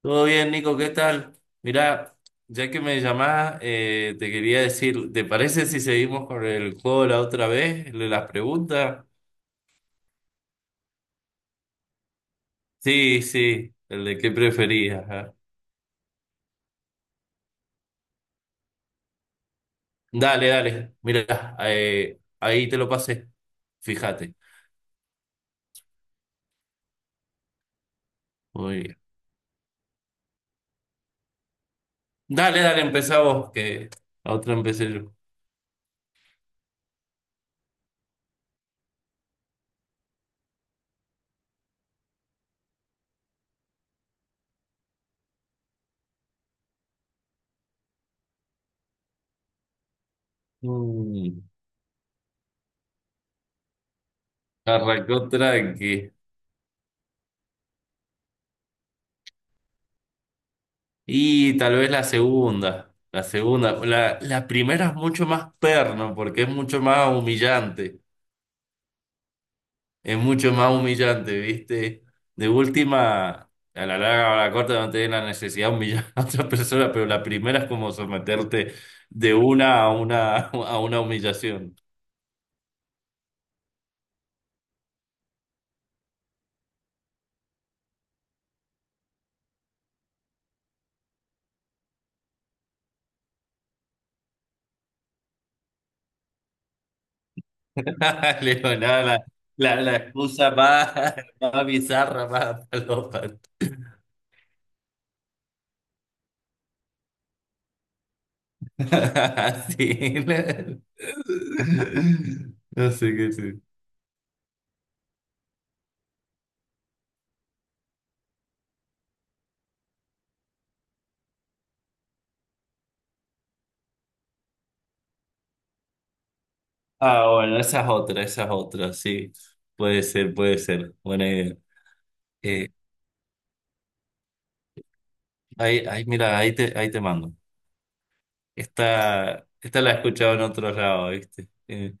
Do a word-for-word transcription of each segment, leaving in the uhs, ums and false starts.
Todo bien, Nico, ¿qué tal? Mirá, ya que me llamás, eh, te quería decir, ¿te parece si seguimos con el juego de la otra vez, el de las preguntas? Sí, sí, el de qué preferías. Ajá. Dale, dale, mirá, eh, ahí te lo pasé, fíjate. Muy bien. Dale, dale, empezá vos, que la otra empecé yo. Mm, Arrancó tranqui. Y tal vez la segunda, la segunda, la, la primera es mucho más perno, porque es mucho más humillante. Es mucho más humillante, ¿viste? De última, a la larga o a la corta no tenés la necesidad de humillar a otra persona, pero la primera es como someterte de una a una a una humillación. Leo, la, la, la excusa más, más bizarra, más palopa. Sí. No sé qué sí. Ah, bueno, esa es otra, esa es otra, sí. Puede ser, puede ser. Buena idea. Eh, ahí, ahí, mira, ahí te, ahí te mando. Esta, esta la he escuchado en otro lado, ¿viste? Eh,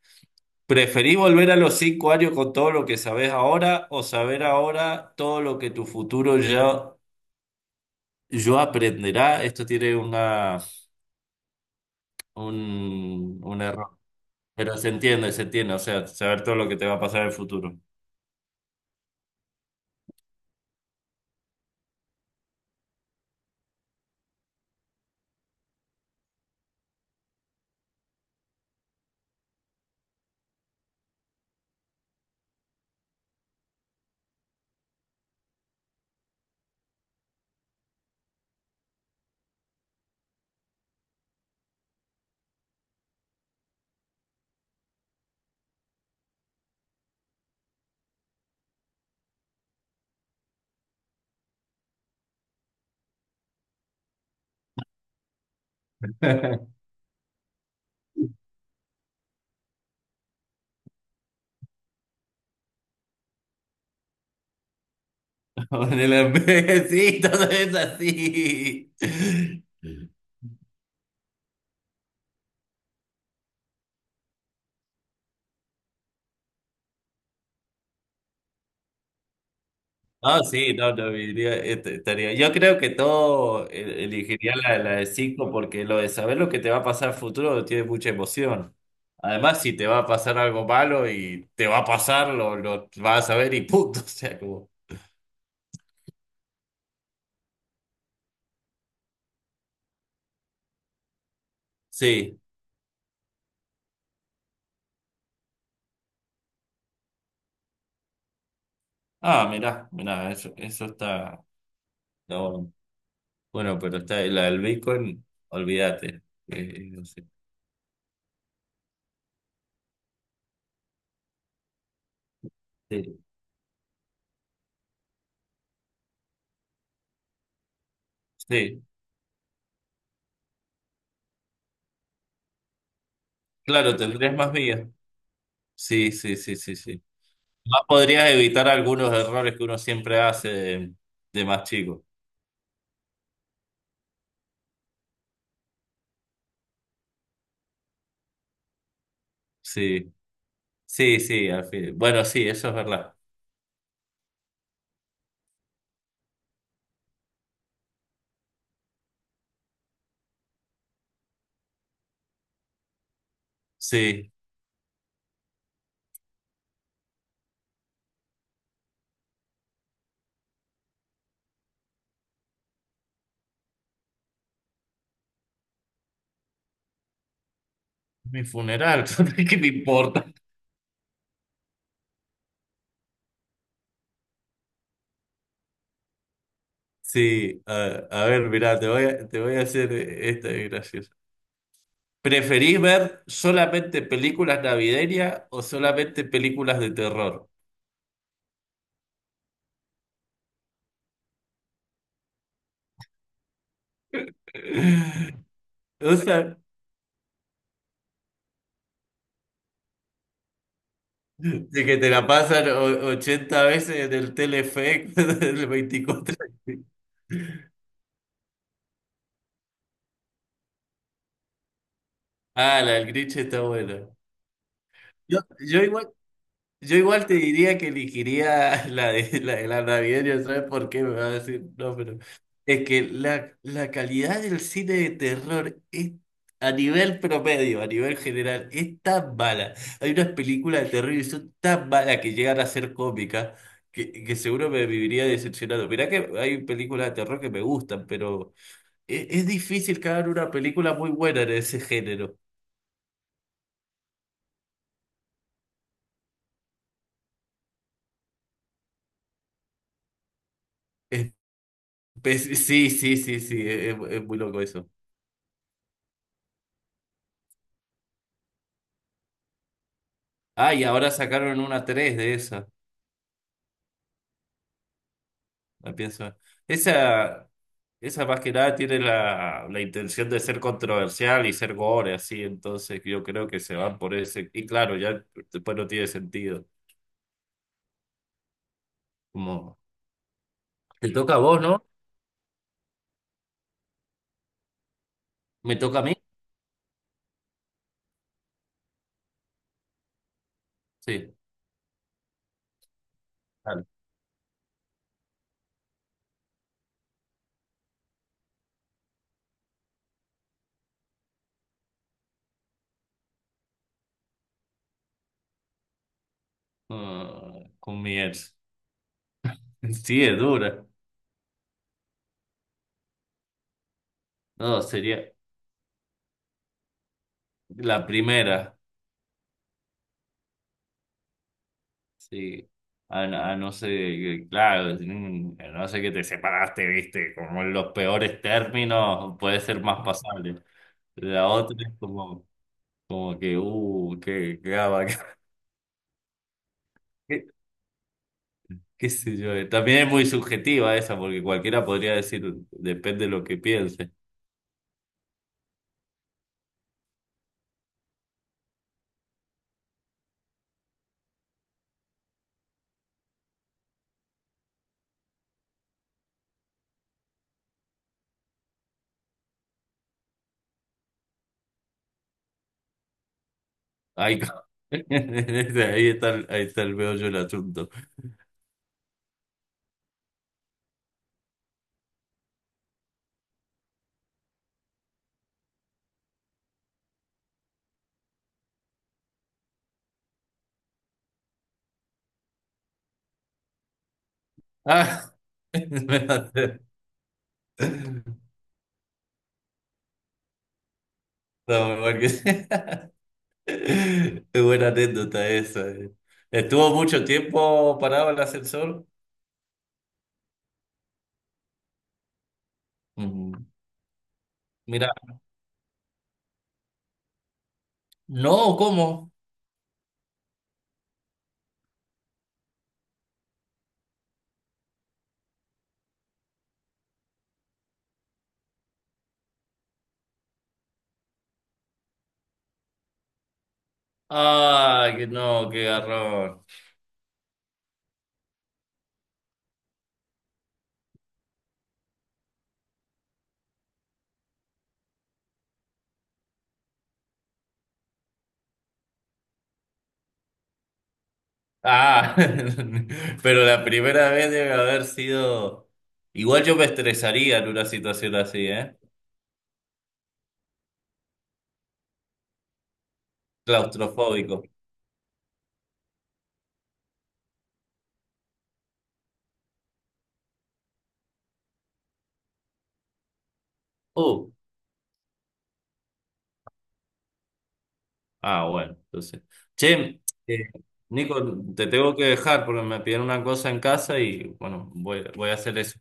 ¿Preferís volver a los cinco años con todo lo que sabés ahora o saber ahora todo lo que tu futuro yo yo aprenderá? Esto tiene una, un, un error, pero se entiende, se entiende, o sea, saber todo lo que te va a pasar en el futuro. Con el imbécil, todo es así. No, sí, no, no, diría, este, estaría. Yo creo que todo eh, elegiría la, la de cinco porque lo de saber lo que te va a pasar futuro tiene mucha emoción. Además, si te va a pasar algo malo y te va a pasar, lo, lo vas a saber y punto. O sea, como. Sí. Ah, mirá, mirá, eso, eso está, está bueno. Bueno, pero está la del Bitcoin, olvídate. Eh, eh, no sé. Sí, sí. Claro, tendrías más vías. Sí, sí, sí, sí, sí. Más podrías evitar algunos errores que uno siempre hace de, de más chico. Sí, sí, sí, al fin. Bueno, sí, eso es verdad. Sí, mi funeral, ¿qué me importa? Sí, a, a ver, mirá, te voy a, te voy a hacer esta es graciosa. ¿Preferís ver solamente películas navideñas o solamente películas de terror? O sea, de que te la pasan o- ochenta veces en el Telefe del veinticuatro. Ah, la del Grinch está buena. Yo, yo igual, yo igual te diría que elegiría la de la, de la navideña, ¿sabes por qué? Me va a decir, no, pero es que la, la calidad del cine de terror es, a nivel promedio, a nivel general, es tan mala. Hay unas películas de terror y son tan malas que llegan a ser cómicas que, que seguro me viviría decepcionado. Mirá que hay películas de terror que me gustan, pero es, es difícil que hagan una película muy buena en ese género. Es- es- sí, sí, sí, sí, es es muy loco eso. Ah, y ahora sacaron una tres de esa, la pienso. Esa, esa más que nada tiene la, la intención de ser controversial y ser gore, así, entonces yo creo que se van por ese. Y claro, ya después no tiene sentido. Como, te toca a vos, ¿no? ¿Me toca a mí? Sí. Dale. Ah, con mi ex. Sí, es dura. No, sería la primera. Sí, a, a no ser, claro, mm, a no sé que te separaste, viste, como en los peores términos, puede ser más pasable. La otra es como, como que, uh, qué, qué, gaba, qué, qué sé yo. eh. También es muy subjetiva esa, porque cualquiera podría decir, depende de lo que piense. Ay, co- ahí está, el- ahí está el meollo del asunto. Ah, me va a hacer- No, porque... Es buena anécdota esa. eh. Estuvo mucho tiempo parado el ascensor. Mm, Mira, no, ¿cómo? Ah, que no, qué garrón. Ah, pero la primera vez debe haber sido. Igual yo me estresaría en una situación así, ¿eh? Claustrofóbico. Uh, ah, bueno, entonces. Che, eh, Nico, te tengo que dejar porque me pidieron una cosa en casa y bueno, voy, voy a hacer eso.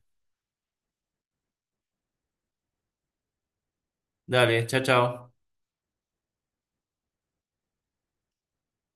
Dale, chao, chao.